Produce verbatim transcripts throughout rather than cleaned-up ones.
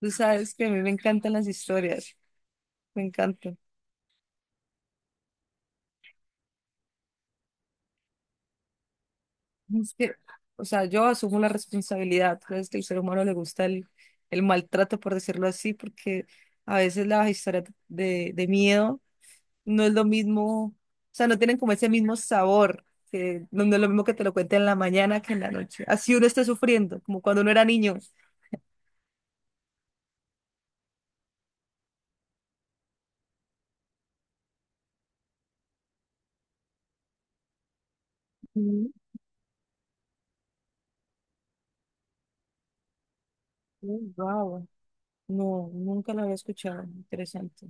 Tú sabes que a mí me encantan las historias, me encantan. Es que, o sea, yo asumo la responsabilidad, sabes que al ser humano le gusta el, el maltrato, por decirlo así, porque a veces las historias de, de miedo no es lo mismo, o sea, no tienen como ese mismo sabor, que no no es lo mismo que te lo cuenten en la mañana que en la noche. Así uno está sufriendo, como cuando uno era niño. Mm. Wow, no, nunca lo había escuchado, interesante.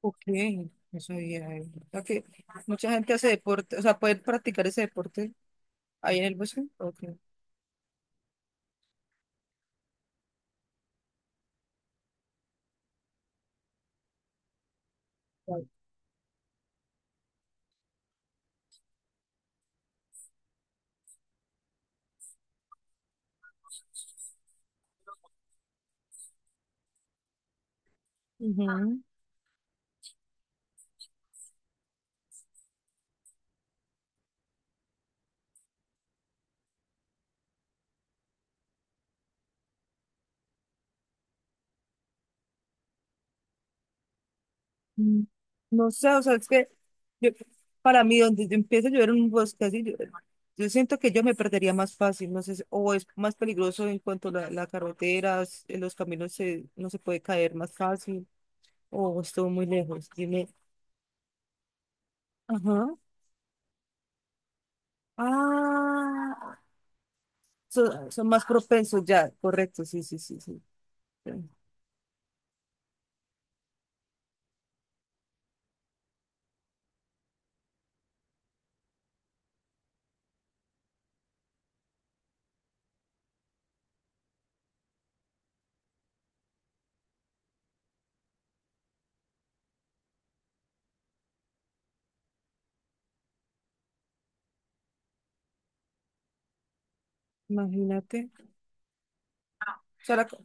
Ok, no sabía eso. O sea que mucha gente hace deporte, o sea, pueden practicar ese deporte ahí en el bosque. Ok. Ujú. Mm. No sé, o sea, es que yo, para mí, donde yo empiezo a llover en un bosque así, yo, yo siento que yo me perdería más fácil, no sé, si- o es más peligroso en cuanto a la, la carretera, s- en los caminos se, no se puede caer más fácil, o estuvo muy lejos. Dime. Ajá. Ah, son, son más propensos ya, correcto, sí, sí, sí, sí. Imagínate. O sea, la co-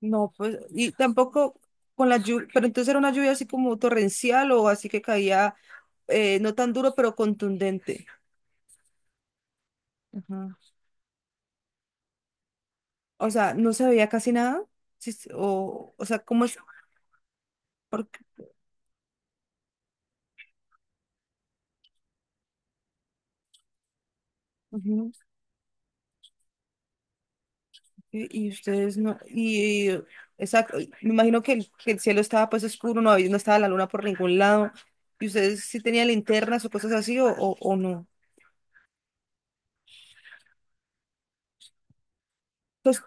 no, pues, y tampoco con la lluvia, pero entonces era una lluvia así como torrencial o así que caía, eh, no tan duro, pero contundente. Ajá. O sea, no se veía casi nada. Sí, sí, o, o sea, ¿cómo es? ¿Por qué? Ujú. Y, y ustedes no, y exacto, y me imagino que el, que el cielo estaba pues oscuro, no había, no estaba la luna por ningún lado, y ustedes sí tenían linternas o cosas así, o, o, o no. Pues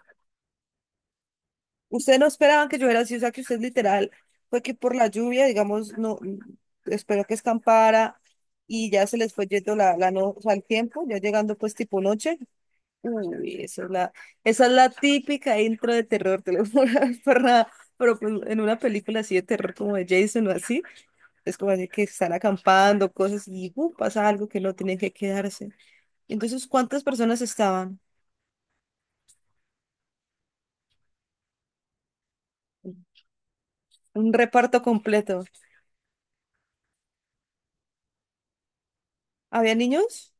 ustedes no esperaban que lloviera así, o sea que usted literal fue que por la lluvia, digamos, no esperó que escampara y ya se les fue yendo la, la no, o sea, el tiempo, ya llegando pues tipo noche. Uy, esa es la, esa es la típica intro de terror, te lo juro, por nada. Pero pues, en una película así de terror como de Jason o así, es como así que están acampando, cosas y uh, pasa algo que no tienen que quedarse. Entonces, ¿cuántas personas estaban? Un reparto completo. ¿Había niños?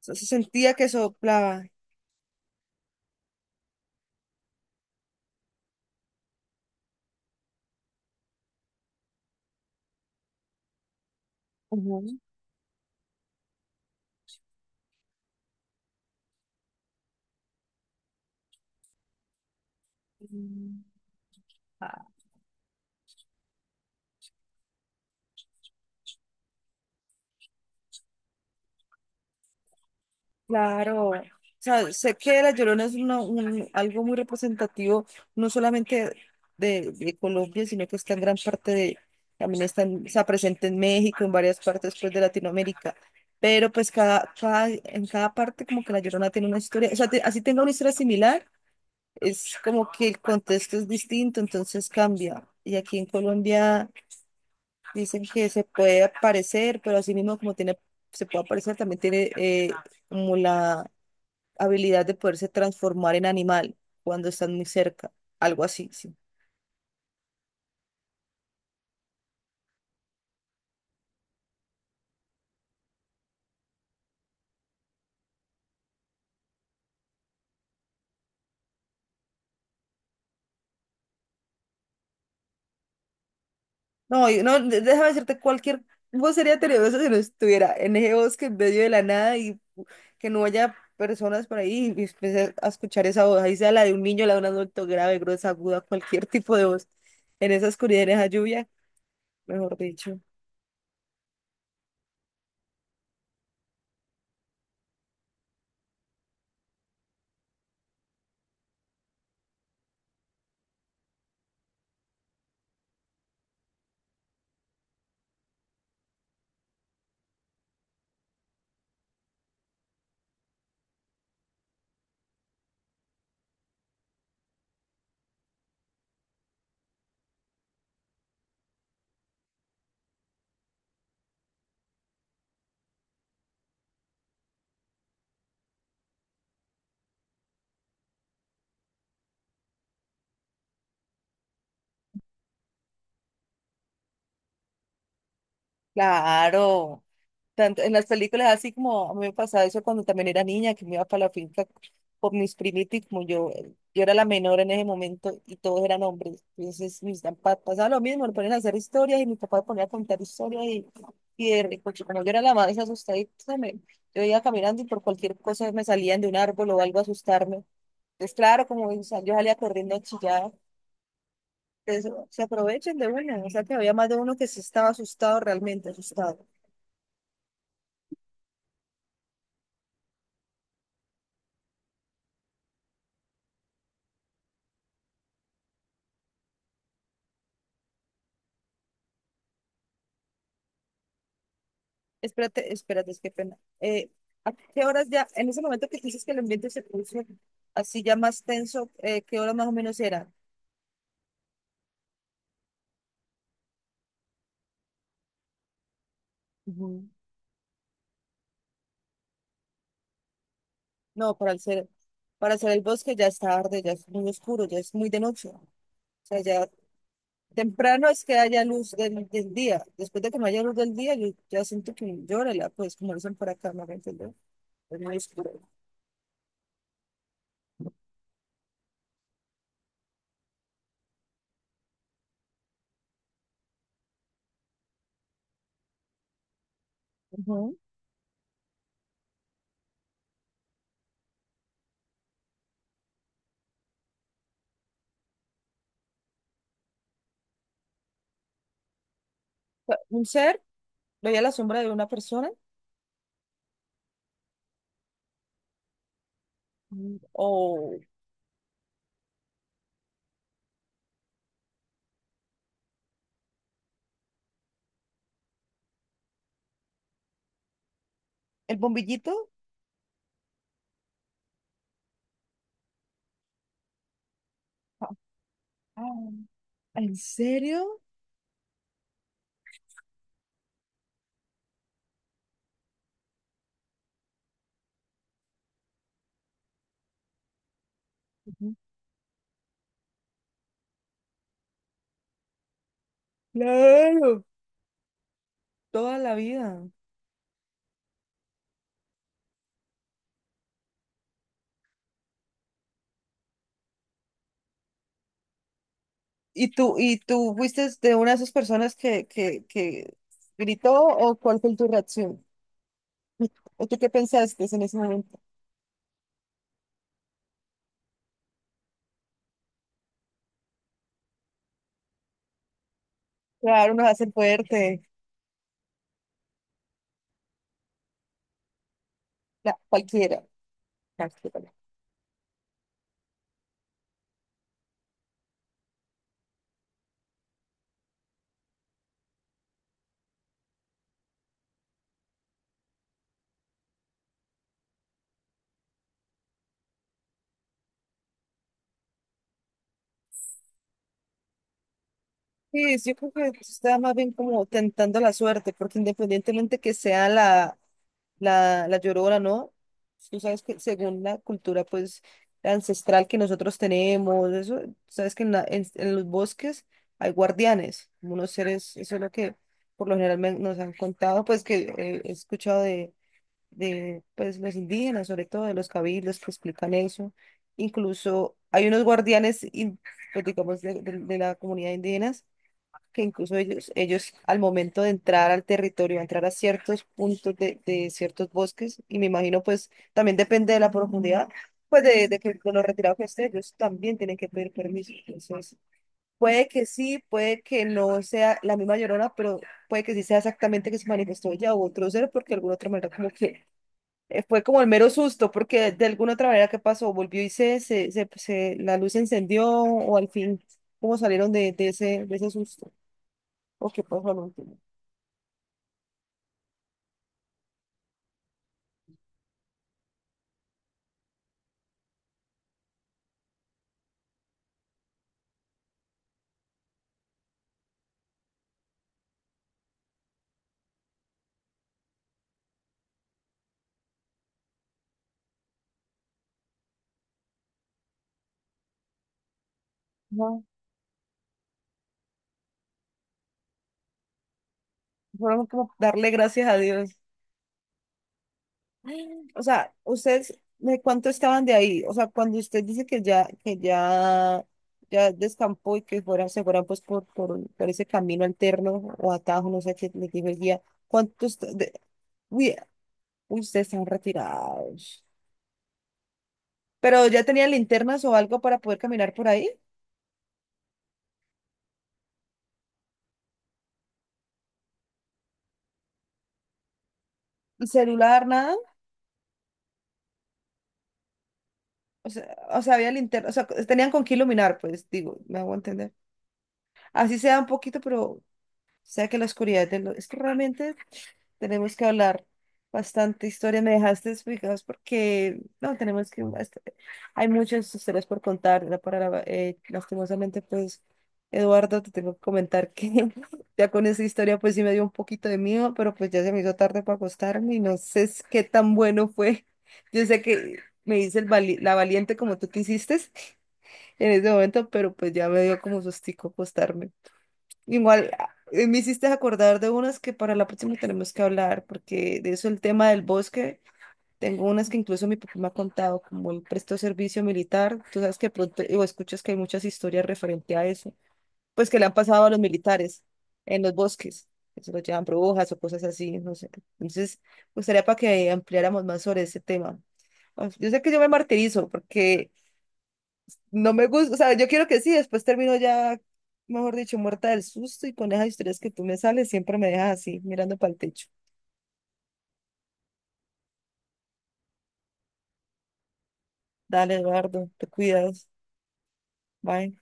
se se sentía que soplaba. Ujú. Claro, o sea, sé que La Llorona es una- un- algo muy representativo, no solamente de, de Colombia, sino que está en gran parte de, también está, en- está presente en México, en varias partes pues, de Latinoamérica, pero pues cada, cada, en cada parte como que La Llorona tiene una historia, o sea, te- así tenga una historia similar, es como que el contexto es distinto, entonces cambia. Y aquí en Colombia dicen que se puede aparecer, pero así mismo como tiene, se puede aparecer, también tiene eh, como la habilidad de poderse transformar en animal cuando están muy cerca, algo así, sí. No, y- no, de- déjame decirte, cualquier voz sería tenebrosa si no estuviera en ese bosque en medio de la nada y que no haya personas por ahí y empecé a escuchar esa voz, ahí sea la de un niño, la de un adulto grave, gruesa, aguda, cualquier tipo de voz, en esa oscuridad, en esa lluvia, mejor dicho. Claro. Tanto en las películas, así como a mí me pasaba eso cuando también era niña, que me iba para la finca con mis primitos, y como yo, yo era la menor en ese momento y todos eran hombres. Entonces, mis papás pasaba lo mismo, me ponían a hacer historias y mi papá me ponía a contar historias y, y de rico. Como yo era la más asustadita, me, yo iba caminando y por cualquier cosa me salían de un árbol o algo a asustarme. Entonces, claro, como o sea, yo salía corriendo a chillar. Entonces, se aprovechan de una, o sea que había más de uno que se estaba asustado, realmente asustado. Espérate, espérate, es que pena. Eh, ¿a qué horas ya, en ese momento que tú dices que el ambiente se puso así ya más tenso, eh, qué hora más o menos era? Ujú. No, para hacer, para hacer el bosque ya es tarde, ya es muy oscuro, ya es muy de noche. O sea, ya temprano es que haya luz del, del día. Después de que no haya luz del día, yo ya siento que llora, pues como dicen por acá, ¿me entiendes? Es muy oscuro. Ujú. O sea, un ser, veía la sombra de una persona. Mm. O el bombillito. Ah, ah. ¿En serio? Ujú. Claro, toda la vida. ¿Y tú, y tú fuiste de una de esas personas que, que, que gritó o cuál fue tu reacción? ¿O tú qué pensaste en ese momento? Claro, uno hace fuerte, la- cualquiera. Prácticamente. Sí, yo creo que está más bien como tentando la suerte, porque independientemente que sea la, La, la llorona, ¿no? Tú sabes que según la cultura, pues, ancestral que nosotros tenemos, eso, sabes que en, la- en- en los bosques hay guardianes, como unos seres, eso es lo que por lo general me han- nos han contado, pues, que eh, he escuchado de, de, pues, los indígenas, sobre todo de los cabildos que explican eso. Incluso hay unos guardianes, in- pues, digamos, de, de de la comunidad indígena que incluso ellos, ellos al momento de entrar al territorio, entrar a ciertos puntos de, de ciertos bosques, y me imagino pues también depende de la profundidad, pues de, de, que, de lo retirado que esté, ellos también tienen que pedir permiso. Entonces, puede que sí, puede que no sea la misma Llorona, pero puede que sí sea exactamente que se manifestó ella u otro ser, porque de alguna otra manera como que eh, fue como el mero susto, porque de alguna otra manera ¿qué pasó? Volvió y se, se, se, se- la luz se encendió o al fin, ¿cómo salieron de, de ese, de ese susto? O qué pasó al último. No, fueron como darle gracias a Dios. O sea, ustedes, ¿de cuánto estaban de ahí? O sea, cuando usted dice que ya, que ya, ya descampó y que fueran, se fueran pues por, por, por ese camino alterno o atajo, no sé qué le dijo el guía, ¿cuántos de- uy, uy, ¿ustedes están retirados? ¿Pero ya tenían linternas o algo para poder caminar por ahí? ¿Y celular, nada? O sea, o sea, había linterna, o sea, tenían con qué iluminar, pues, digo, me hago entender. Así sea un poquito, pero sea que la oscuridad de lo... Es que realmente tenemos que hablar bastante historia. Me dejaste explicados porque no, tenemos que... hasta- hay muchas historias por contar. La- Para la- eh, lastimosamente, pues, Eduardo, te tengo que comentar que ya con esa historia, pues sí me dio un poquito de miedo, pero pues ya se me hizo tarde para acostarme y no sé s- qué tan bueno fue. Yo sé que me hice el vali- la valiente como tú te hiciste en ese momento, pero pues ya me dio como sustico acostarme. Igual, ah, eh, me hiciste acordar de unas que para la próxima tenemos que hablar, porque de eso el tema del bosque, tengo unas que incluso mi papá me ha contado, como él prestó servicio militar, tú sabes que pronto o escuchas que hay muchas historias referente a eso, pues que le han pasado a los militares en los bosques, que se los llevan brujas o cosas así, no sé. Entonces, me gustaría para que ampliáramos más sobre ese tema. Uf, yo sé que yo me martirizo porque no me gusta, o sea, yo quiero que sí, después termino ya, mejor dicho, muerta del susto y con esas historias que tú me sales, siempre me dejas así, mirando para el techo. Dale, Eduardo, te cuidas. Bye.